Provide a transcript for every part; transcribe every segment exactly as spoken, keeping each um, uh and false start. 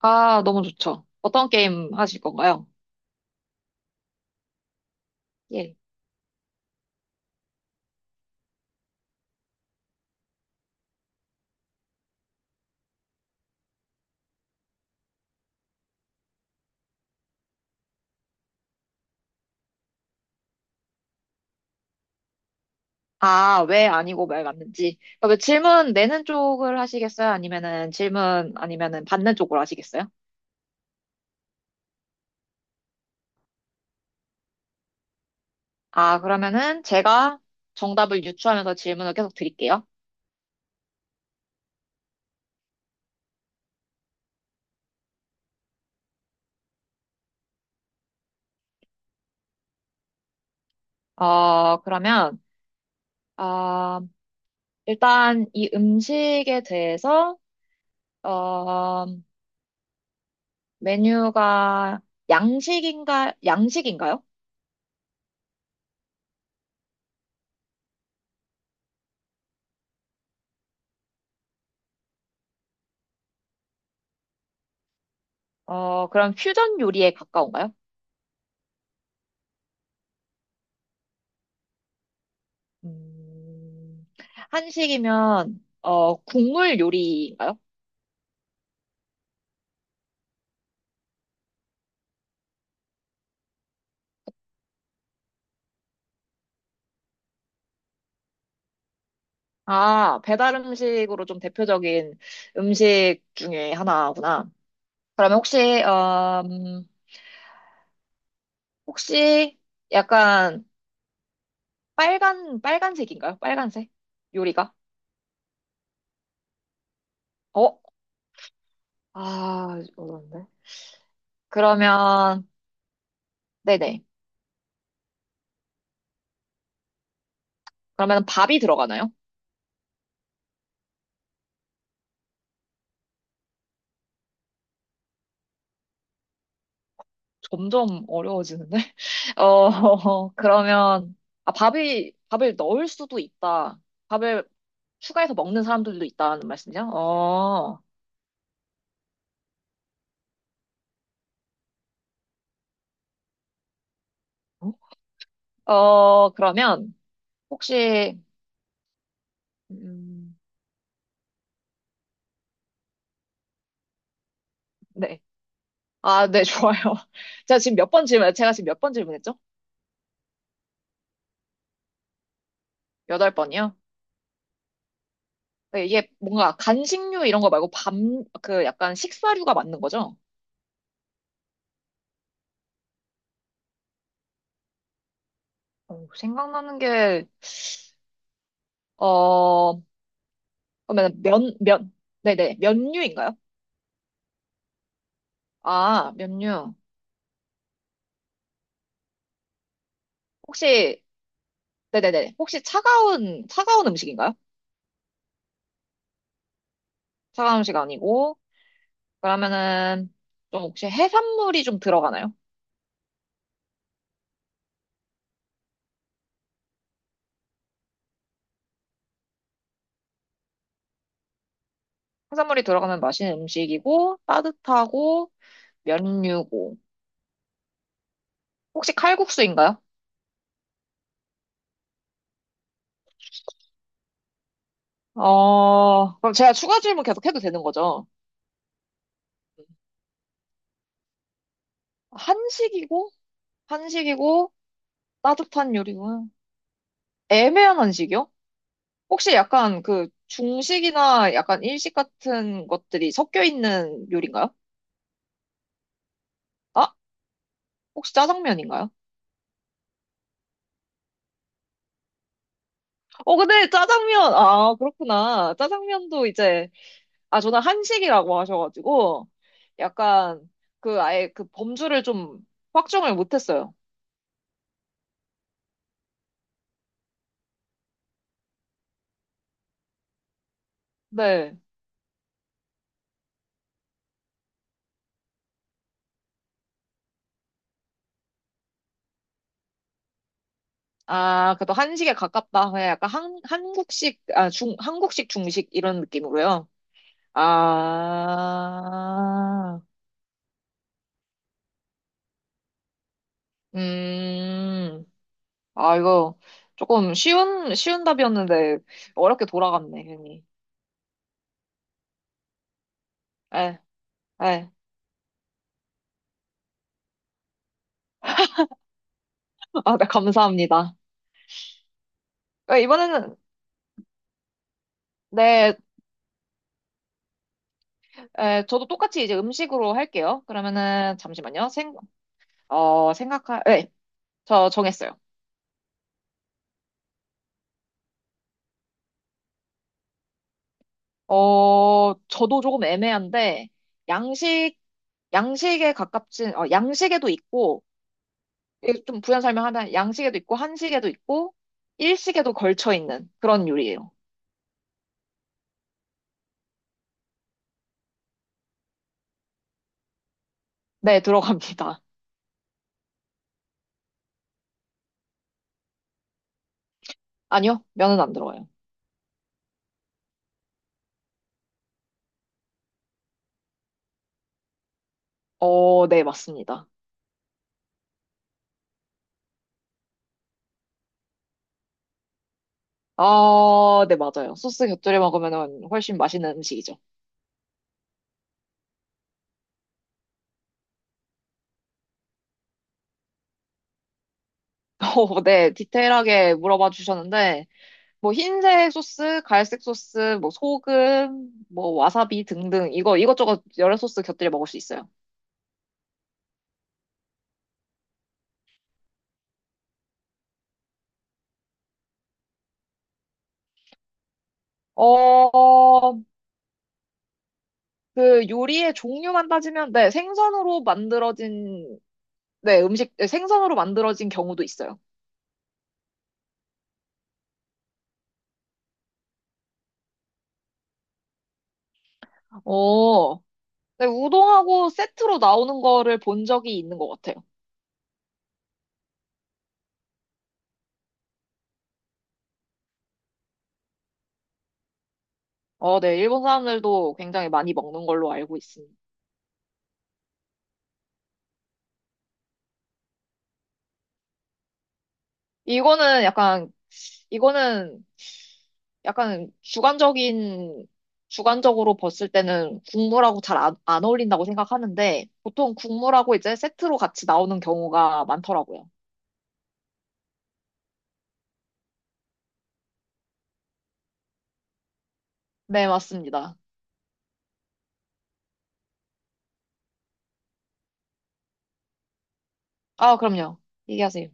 아, 너무 좋죠. 어떤 게임 하실 건가요? 예. 아, 왜 아니고 말 맞는지. 그러면 질문 내는 쪽을 하시겠어요? 아니면은 질문 아니면은 받는 쪽으로 하시겠어요? 아, 그러면은 제가 정답을 유추하면서 질문을 계속 드릴게요. 어, 그러면 아, 일단 이 음식에 대해서 어, 메뉴가 양식인가 양식인가요? 어, 그럼 퓨전 요리에 가까운가요? 음, 한식이면, 어, 국물 요리인가요? 아, 배달 음식으로 좀 대표적인 음식 중에 하나구나. 그러면 혹시, 어, 음, 혹시 약간 빨간, 빨간색인가요? 빨간색? 요리가? 어? 아, 어려운데. 그러면, 네네. 그러면 밥이 들어가나요? 점점 어려워지는데? 어, 그러면, 아, 밥이, 밥을 넣을 수도 있다. 밥을 추가해서 먹는 사람들도 있다는 말씀이죠? 어, 어, 그러면, 혹시, 음, 네. 아, 네, 좋아요. 제가 지금 몇 번 질문, 제가 지금 몇 번 질문했죠? 여덟 번이요? 네, 이게 뭔가 간식류 이런 거 말고 밥, 그 약간 식사류가 맞는 거죠? 어, 생각나는 게, 어, 그러면 면, 면, 네네, 면류인가요? 아, 면류. 혹시, 네네네. 혹시 차가운, 차가운 음식인가요? 차가운 음식 아니고, 그러면은, 좀 혹시 해산물이 좀 들어가나요? 해산물이 들어가면 맛있는 음식이고, 따뜻하고, 면류고. 혹시 칼국수인가요? 어, 그럼 제가 추가 질문 계속 해도 되는 거죠? 한식이고, 한식이고, 따뜻한 요리고, 애매한 한식이요? 혹시 약간 그 중식이나 약간 일식 같은 것들이 섞여 있는 요리인가요? 아, 혹시 짜장면인가요? 어, 근데 짜장면, 아, 그렇구나. 짜장면도 이제, 아, 저는 한식이라고 하셔가지고, 약간, 그, 아예 그 범주를 좀 확정을 못했어요. 네. 아, 그래도 한식에 가깝다. 그냥 약간 한, 한국식, 아, 중, 한국식 중식 이런 느낌으로요. 아, 음, 아, 이거 조금 쉬운, 쉬운 답이었는데, 어렵게 돌아갔네, 괜히. 에, 에. 아, 네, 감사합니다. 어, 이번에는 네, 에, 저도 똑같이 이제 음식으로 할게요. 그러면은 잠시만요. 생, 어, 생각할, 네, 저 정했어요. 어, 저도 조금 애매한데 양식, 양식에 가깝진, 어, 양식에도 있고 이게 좀 부연 설명하면 양식에도 있고 한식에도 있고 일식에도 걸쳐 있는 그런 요리예요. 네, 들어갑니다. 아니요, 면은 안 들어가요. 어, 네, 맞습니다. 어, 네, 맞아요. 소스 곁들여 먹으면 훨씬 맛있는 음식이죠. 어, 네, 디테일하게 물어봐 주셨는데, 뭐, 흰색 소스, 갈색 소스, 뭐, 소금, 뭐, 와사비 등등, 이거, 이것저것 여러 소스 곁들여 먹을 수 있어요. 어, 그 요리의 종류만 따지면, 네, 생선으로 만들어진, 네, 음식, 네, 생선으로 만들어진 경우도 있어요. 어, 네, 우동하고 세트로 나오는 거를 본 적이 있는 것 같아요. 어, 네, 일본 사람들도 굉장히 많이 먹는 걸로 알고 있습니다. 이거는 약간 이거는 약간 주관적인, 주관적으로 봤을 때는 국물하고 잘 안, 안 어울린다고 생각하는데, 보통 국물하고 이제 세트로 같이 나오는 경우가 많더라고요. 네, 맞습니다. 아, 그럼요. 얘기하세요.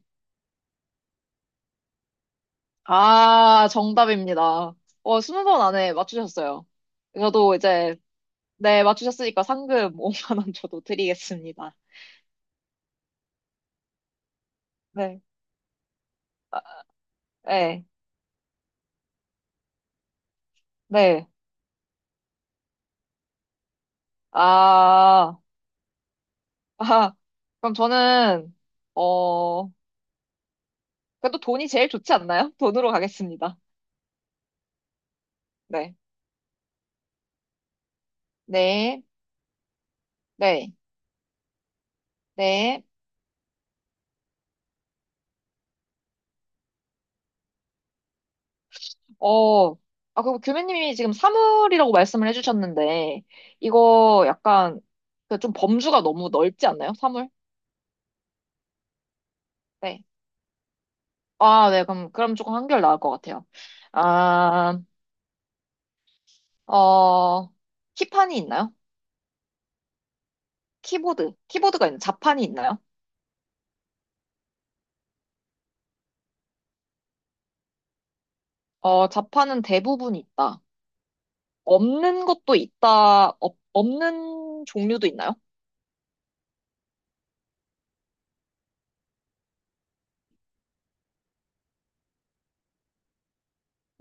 아, 정답입니다. 어, 스무 번 안에 맞추셨어요. 저도 이제, 네, 맞추셨으니까 상금 오만 원 저도 드리겠습니다. 네. 아, 네. 네. 아, 아, 그럼 저는, 어, 그래도 돈이 제일 좋지 않나요? 돈으로 가겠습니다. 네. 네. 네. 네. 어, 아, 그리고 교수님이 지금 사물이라고 말씀을 해주셨는데, 이거 약간 그좀 범주가 너무 넓지 않나요? 사물? 네. 아, 네. 그럼, 그럼 조금 한결 나을 것 같아요. 아, 어, 키판이 있나요? 키보드. 키보드가 있나요? 자판이 있나요? 어, 자판은 대부분 있다. 없는 것도 있다. 없- 없는 종류도 있나요?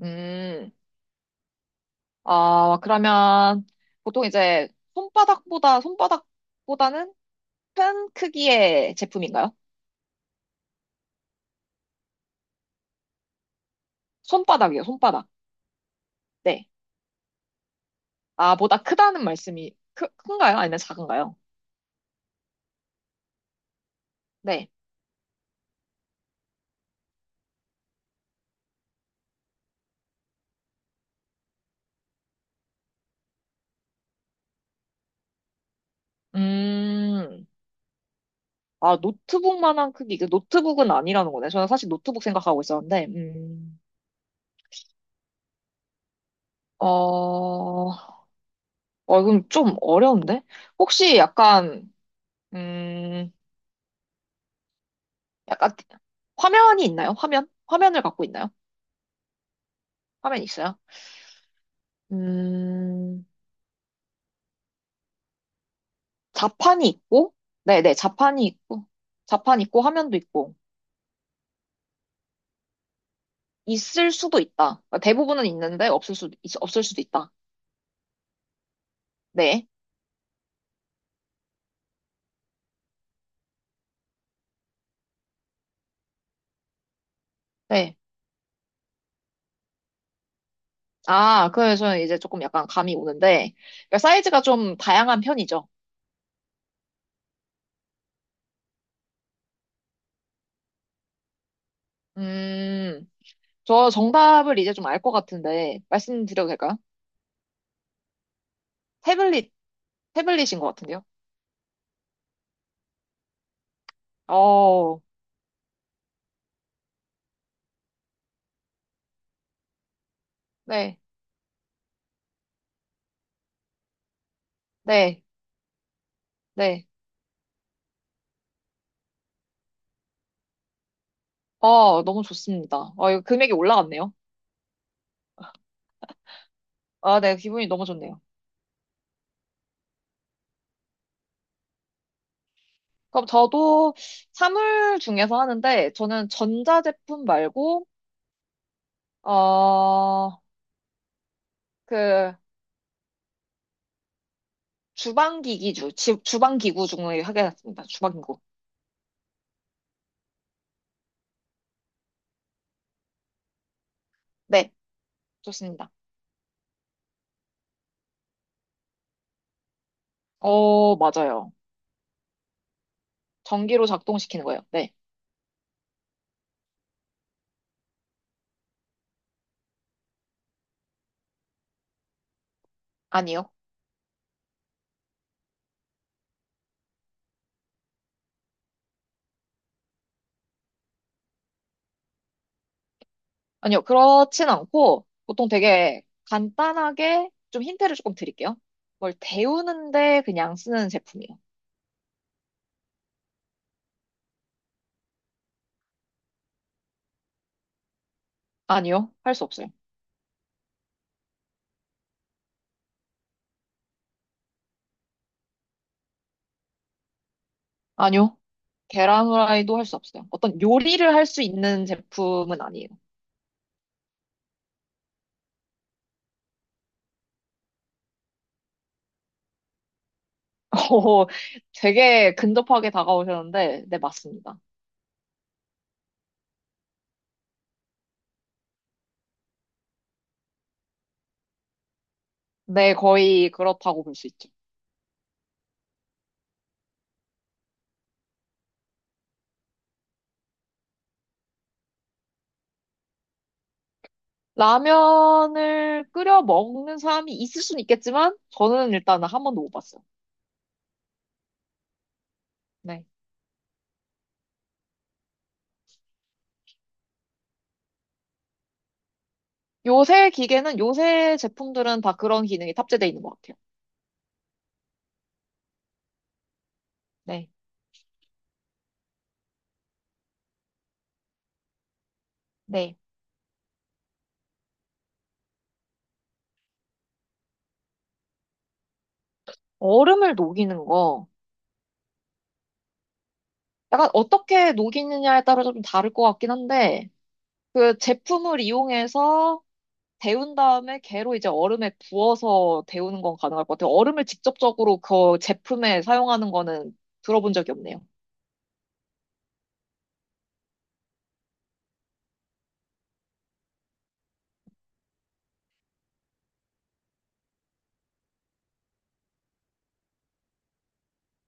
음. 아, 그러면 보통 이제 손바닥보다, 손바닥보다는 큰 크기의 제품인가요? 손바닥이요, 손바닥. 네. 아, 보다 크다는 말씀이 크, 큰가요? 아니면 작은가요? 네. 음, 아, 노트북만한 크기. 그 노트북은 아니라는 거네. 저는 사실 노트북 생각하고 있었는데, 음, 어, 어, 이건 좀 어려운데? 혹시 약간, 음, 약간 화면이 있나요? 화면? 화면을 갖고 있나요? 화면 있어요? 음, 자판이 있고, 네네, 자판이 있고, 자판 있고, 화면도 있고, 있을 수도 있다. 그러니까 대부분은 있는데, 없을 수, 없을 수도 있다. 네, 네. 아, 그래서 이제 조금 약간 감이 오는데, 그러니까 사이즈가 좀 다양한 편이죠. 음, 저 정답을 이제 좀 알 것 같은데, 말씀드려도 될까요? 태블릿, 태블릿인 것 같은데요? 어, 네, 네, 네. 어, 너무 좋습니다. 어, 이거 금액이 올라갔네요. 아, 네, 기분이 너무 좋네요. 그럼 저도 사물 중에서 하는데, 저는 전자제품 말고, 어, 그, 주방기기 주, 지- 주방기구 중에 하겠습니다. 주방기구. 네, 좋습니다. 어, 맞아요. 전기로 작동시키는 거예요. 네. 아니요. 아니요. 그렇진 않고, 보통 되게 간단하게 좀 힌트를 조금 드릴게요. 뭘 데우는데 그냥 쓰는 제품이에요. 아니요. 할 수 없어요. 아니요. 계란 후라이도 할 수 없어요. 어떤 요리를 할 수 있는 제품은 아니에요. 어, 되게 근접하게 다가오셨는데, 네, 맞습니다. 네, 거의 그렇다고 볼 수 있죠. 라면을 끓여 먹는 사람이 있을 수는 있겠지만, 저는 일단은 한 번도 못 봤어요. 네. 요새 기계는, 요새 제품들은 다 그런 기능이 탑재되어 있는 것 같아요. 네. 네. 얼음을 녹이는 거, 약간 어떻게 녹이느냐에 따라서 좀 다를 것 같긴 한데, 그 제품을 이용해서 데운 다음에 걔로 이제 얼음에 부어서 데우는 건 가능할 것 같아요. 얼음을 직접적으로 그 제품에 사용하는 거는 들어본 적이 없네요.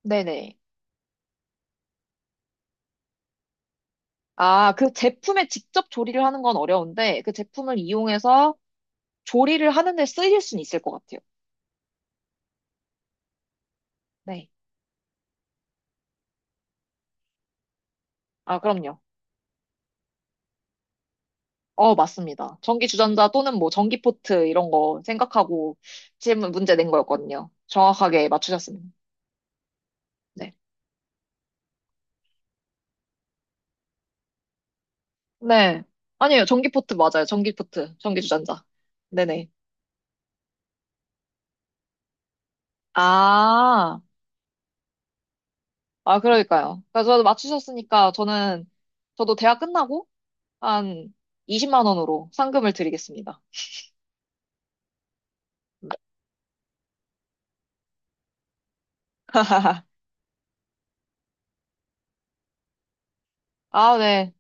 네네. 아, 그 제품에 직접 조리를 하는 건 어려운데 그 제품을 이용해서 조리를 하는데 쓰일 수는 있을 것 같아요. 네. 아, 그럼요. 어, 맞습니다. 전기 주전자 또는 뭐 전기 포트 이런 거 생각하고 질문 문제 낸 거였거든요. 정확하게 맞추셨습니다. 네. 네. 아니에요. 전기 포트 맞아요. 전기 포트. 전기 주전자. 네네. 아, 아, 그러니까요. 그러니까 저도 맞추셨으니까 저는, 저도 대학 끝나고 한 이십만 원으로 상금을 드리겠습니다. 아, 네.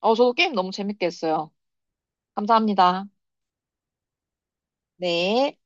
어, 저도 게임 너무 재밌게 했어요. 감사합니다. 네.